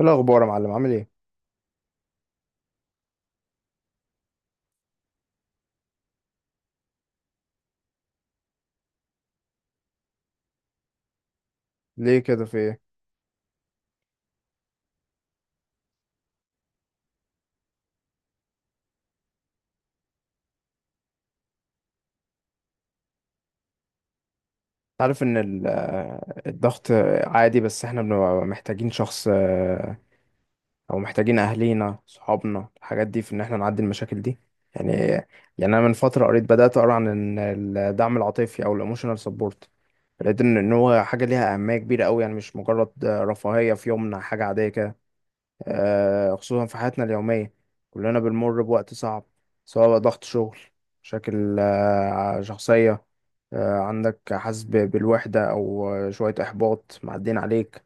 ايه الاخبار يا معلم؟ عامل ايه؟ ليه كده؟ في ايه؟ عارف ان الضغط عادي، بس احنا بنبقى محتاجين شخص، او محتاجين اهلينا صحابنا الحاجات دي في ان احنا نعدي المشاكل دي يعني. يعني انا من فتره قريت، بدات اقرا عن إن الدعم العاطفي او الايموشنال سبورت، لقيت ان هو حاجه ليها اهميه كبيره قوي، يعني مش مجرد رفاهيه في يومنا، حاجه عاديه كده. خصوصا في حياتنا اليومية، كلنا بنمر بوقت صعب، سواء بقى ضغط شغل، مشاكل شخصية، عندك حاسس بالوحدة أو شوية إحباط معدين عليك.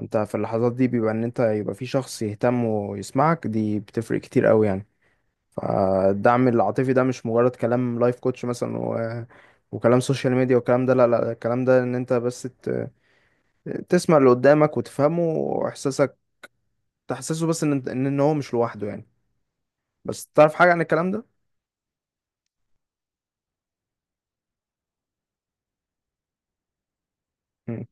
أنت في اللحظات دي بيبقى إن أنت يبقى في شخص يهتم ويسمعك، دي بتفرق كتير أوي يعني. فالدعم العاطفي ده مش مجرد كلام لايف كوتش مثلا وكلام سوشيال ميديا والكلام ده، لا لا، الكلام ده إن أنت بس تسمع اللي قدامك وتفهمه، وإحساسك تحسسه، بس إن إن هو مش لوحده يعني. بس تعرف حاجة عن الكلام ده؟ مم.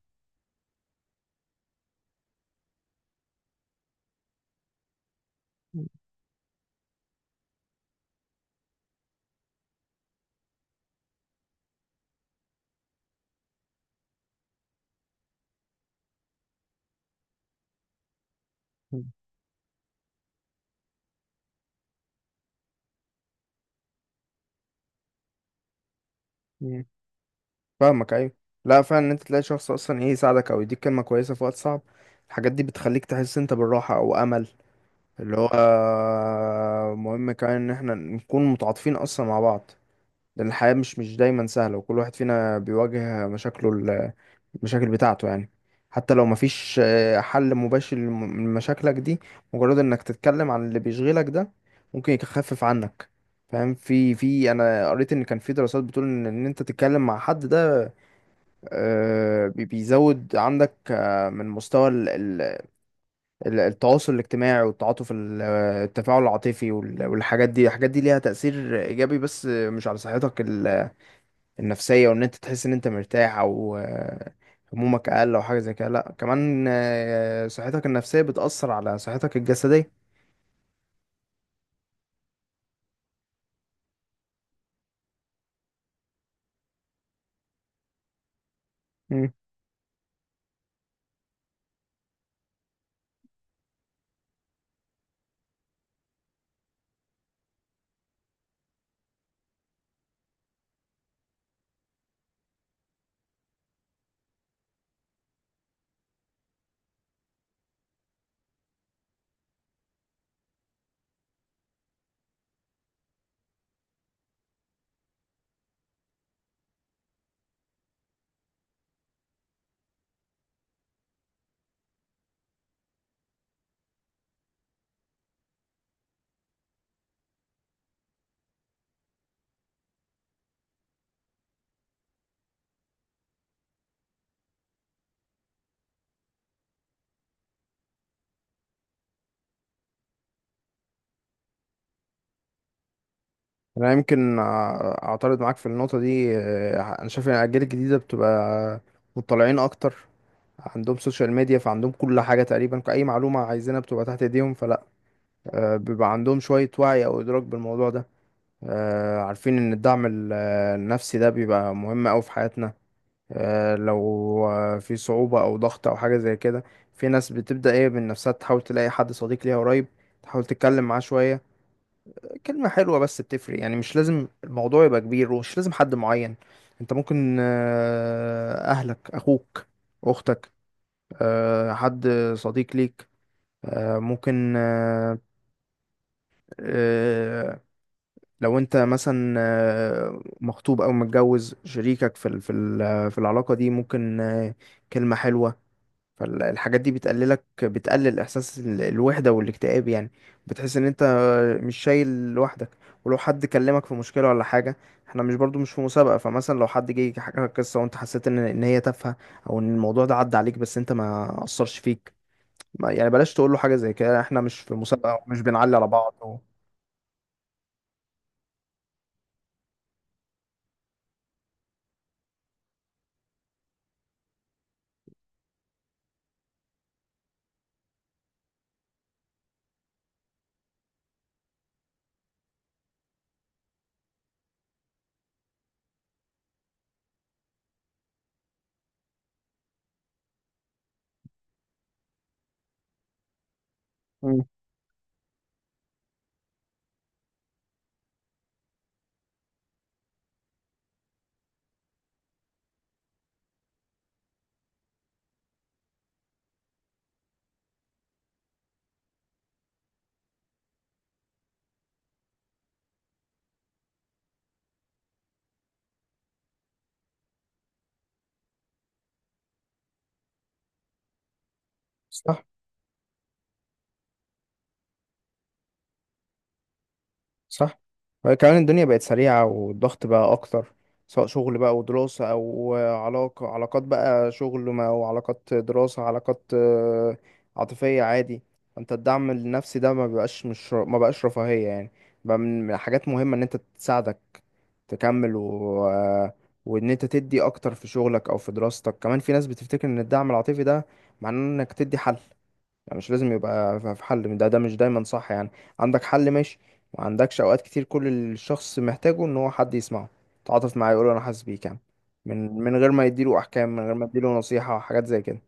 مم. مم. فاهمك، أيوة. لا فعلا إن أنت تلاقي شخص أصلا إيه يساعدك أو يديك كلمة كويسة في وقت صعب، الحاجات دي بتخليك تحس أنت بالراحة أو أمل. اللي هو مهم كمان إن إحنا نكون متعاطفين أصلا مع بعض، لأن الحياة مش دايما سهلة، وكل واحد فينا بيواجه مشاكله، المشاكل بتاعته يعني. حتى لو مفيش حل مباشر لمشاكلك دي، مجرد انك تتكلم عن اللي بيشغلك ده ممكن يخفف عنك. فاهم؟ في انا قريت ان كان في دراسات بتقول ان انت تتكلم مع حد ده، بيزود عندك، من مستوى التواصل الاجتماعي، والتعاطف، التفاعل العاطفي، والحاجات دي. الحاجات دي ليها تأثير ايجابي، بس مش على صحتك النفسية وان انت تحس ان انت مرتاح او همومك اقل او حاجة زي كده، لا، كمان صحتك النفسية بتأثر على صحتك الجسدية. مم. انا يمكن اعترض معاك في النقطة دي. انا شايف ان الاجيال الجديدة بتبقى مطلعين اكتر، عندهم سوشيال ميديا، فعندهم كل حاجة تقريبا، اي معلومة عايزينها بتبقى تحت ايديهم، فلا، بيبقى عندهم شوية وعي او ادراك بالموضوع ده. عارفين ان الدعم النفسي ده بيبقى مهم اوي في حياتنا. آه، لو آه، في صعوبة أو ضغط أو حاجة زي كده، في ناس بتبدأ إيه من نفسها، تحاول تلاقي حد صديق ليها قريب، تحاول تتكلم معاه شوية. كلمة حلوة بس بتفرق يعني، مش لازم الموضوع يبقى كبير، ومش لازم حد معين. أنت ممكن أهلك، أخوك، أختك، حد صديق ليك، آه، ممكن آه، آه، لو انت مثلا مخطوب او متجوز، شريكك في العلاقه دي، ممكن كلمه حلوه. فالحاجات دي بتقلل احساس الوحده والاكتئاب يعني، بتحس ان انت مش شايل لوحدك. ولو حد كلمك في مشكله ولا حاجه، احنا مش برضو مش في مسابقه. فمثلا لو حد جه حكى لك قصه، وانت حسيت ان هي تافهه او ان الموضوع ده عدى عليك بس انت ما اثرش فيك، ما يعني بلاش تقول له حاجه زي كده، احنا مش في مسابقه، ومش بنعلي على بعض مم. صح، صح. كمان الدنيا بقت سريعة، والضغط بقى أكتر، سواء شغل بقى ودراسة أو علاقة، علاقات بقى شغل ما وعلاقات دراسة، علاقات عاطفية عادي. أنت الدعم النفسي ده ما بقاش، مش ما بقاش رفاهية يعني، بقى من من حاجات مهمة إن أنت تساعدك تكمل، و... آه، وإن أنت تدي أكتر في شغلك أو في دراستك. كمان في ناس بتفتكر إن الدعم العاطفي ده معناه إنك تدي حل، يعني مش لازم يبقى في حل، ده ده مش دايما صح يعني. عندك حل ماشي، ما عندكش اوقات كتير كل الشخص محتاجه ان هو حد يسمعه، تعاطف معاه، يقول له انا حاسس بيك يعني، من من غير ما يديله احكام، من غير ما يديله نصيحة وحاجات زي كده.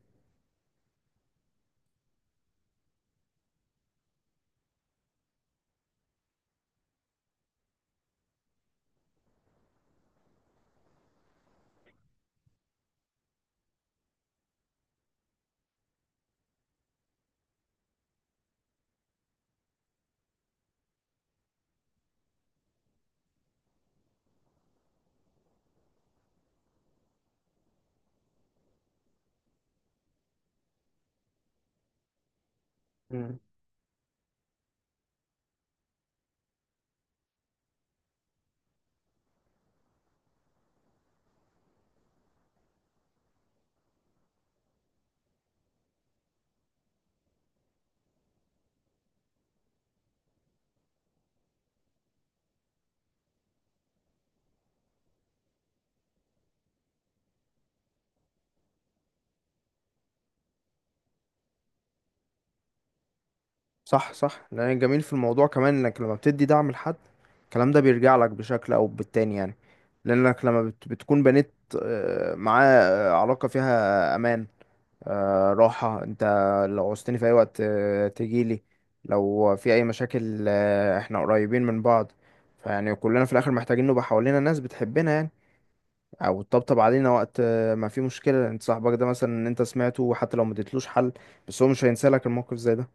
مم. صح، صح. لان الجميل في الموضوع كمان انك لما بتدي دعم لحد، الكلام ده بيرجع لك بشكل او بالتاني يعني. لانك لما بتكون بنيت معاه علاقة فيها امان، راحة، انت لو عوزتني في اي وقت تجيلي، لو في اي مشاكل احنا قريبين من بعض. فيعني كلنا في الاخر محتاجين نبقى حوالينا ناس بتحبنا يعني، او تطبطب علينا وقت ما في مشكلة. انت صاحبك ده مثلا ان انت سمعته، حتى لو ما اديتلوش حل، بس هو مش هينسى لك الموقف زي ده.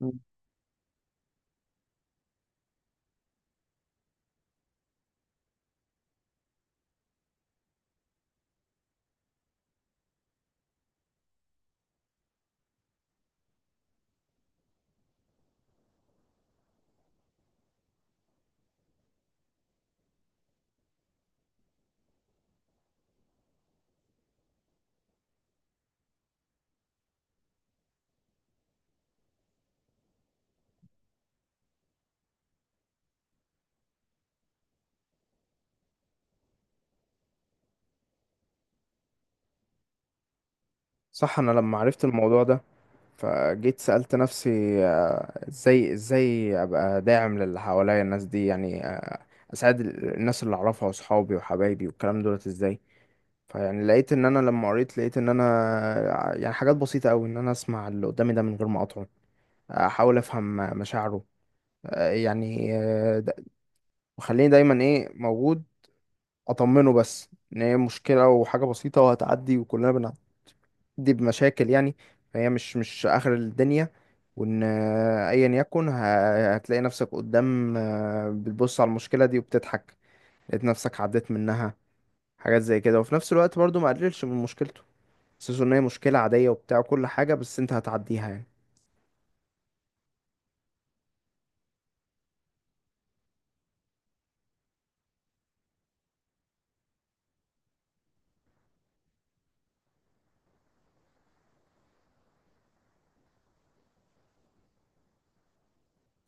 مم. صح. انا لما عرفت الموضوع ده، فجيت سألت نفسي ازاي ابقى داعم للي حواليا، الناس دي يعني، اساعد الناس اللي اعرفها، واصحابي وحبايبي والكلام دولت، ازاي؟ فيعني لقيت ان انا لما قريت، لقيت ان انا يعني حاجات بسيطة قوي، ان انا اسمع اللي قدامي ده من غير ما اقاطعه، احاول افهم مشاعره، آه، يعني آه، د- وخليني دايما ايه موجود، اطمنه بس ان هي مشكلة وحاجة بسيطة وهتعدي، وكلنا بنعدي بمشاكل يعني، فهي مش اخر الدنيا، وان ايا يكن هتلاقي نفسك قدام، بتبص على المشكلة دي وبتضحك، لقيت نفسك عديت منها. حاجات زي كده، وفي نفس الوقت برضو ما قللش من مشكلته، حاسس ان هي مشكلة عادية وبتاع وكل حاجة، بس انت هتعديها يعني.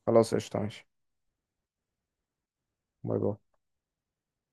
خلاص، قشطة، ماشي. باي باي.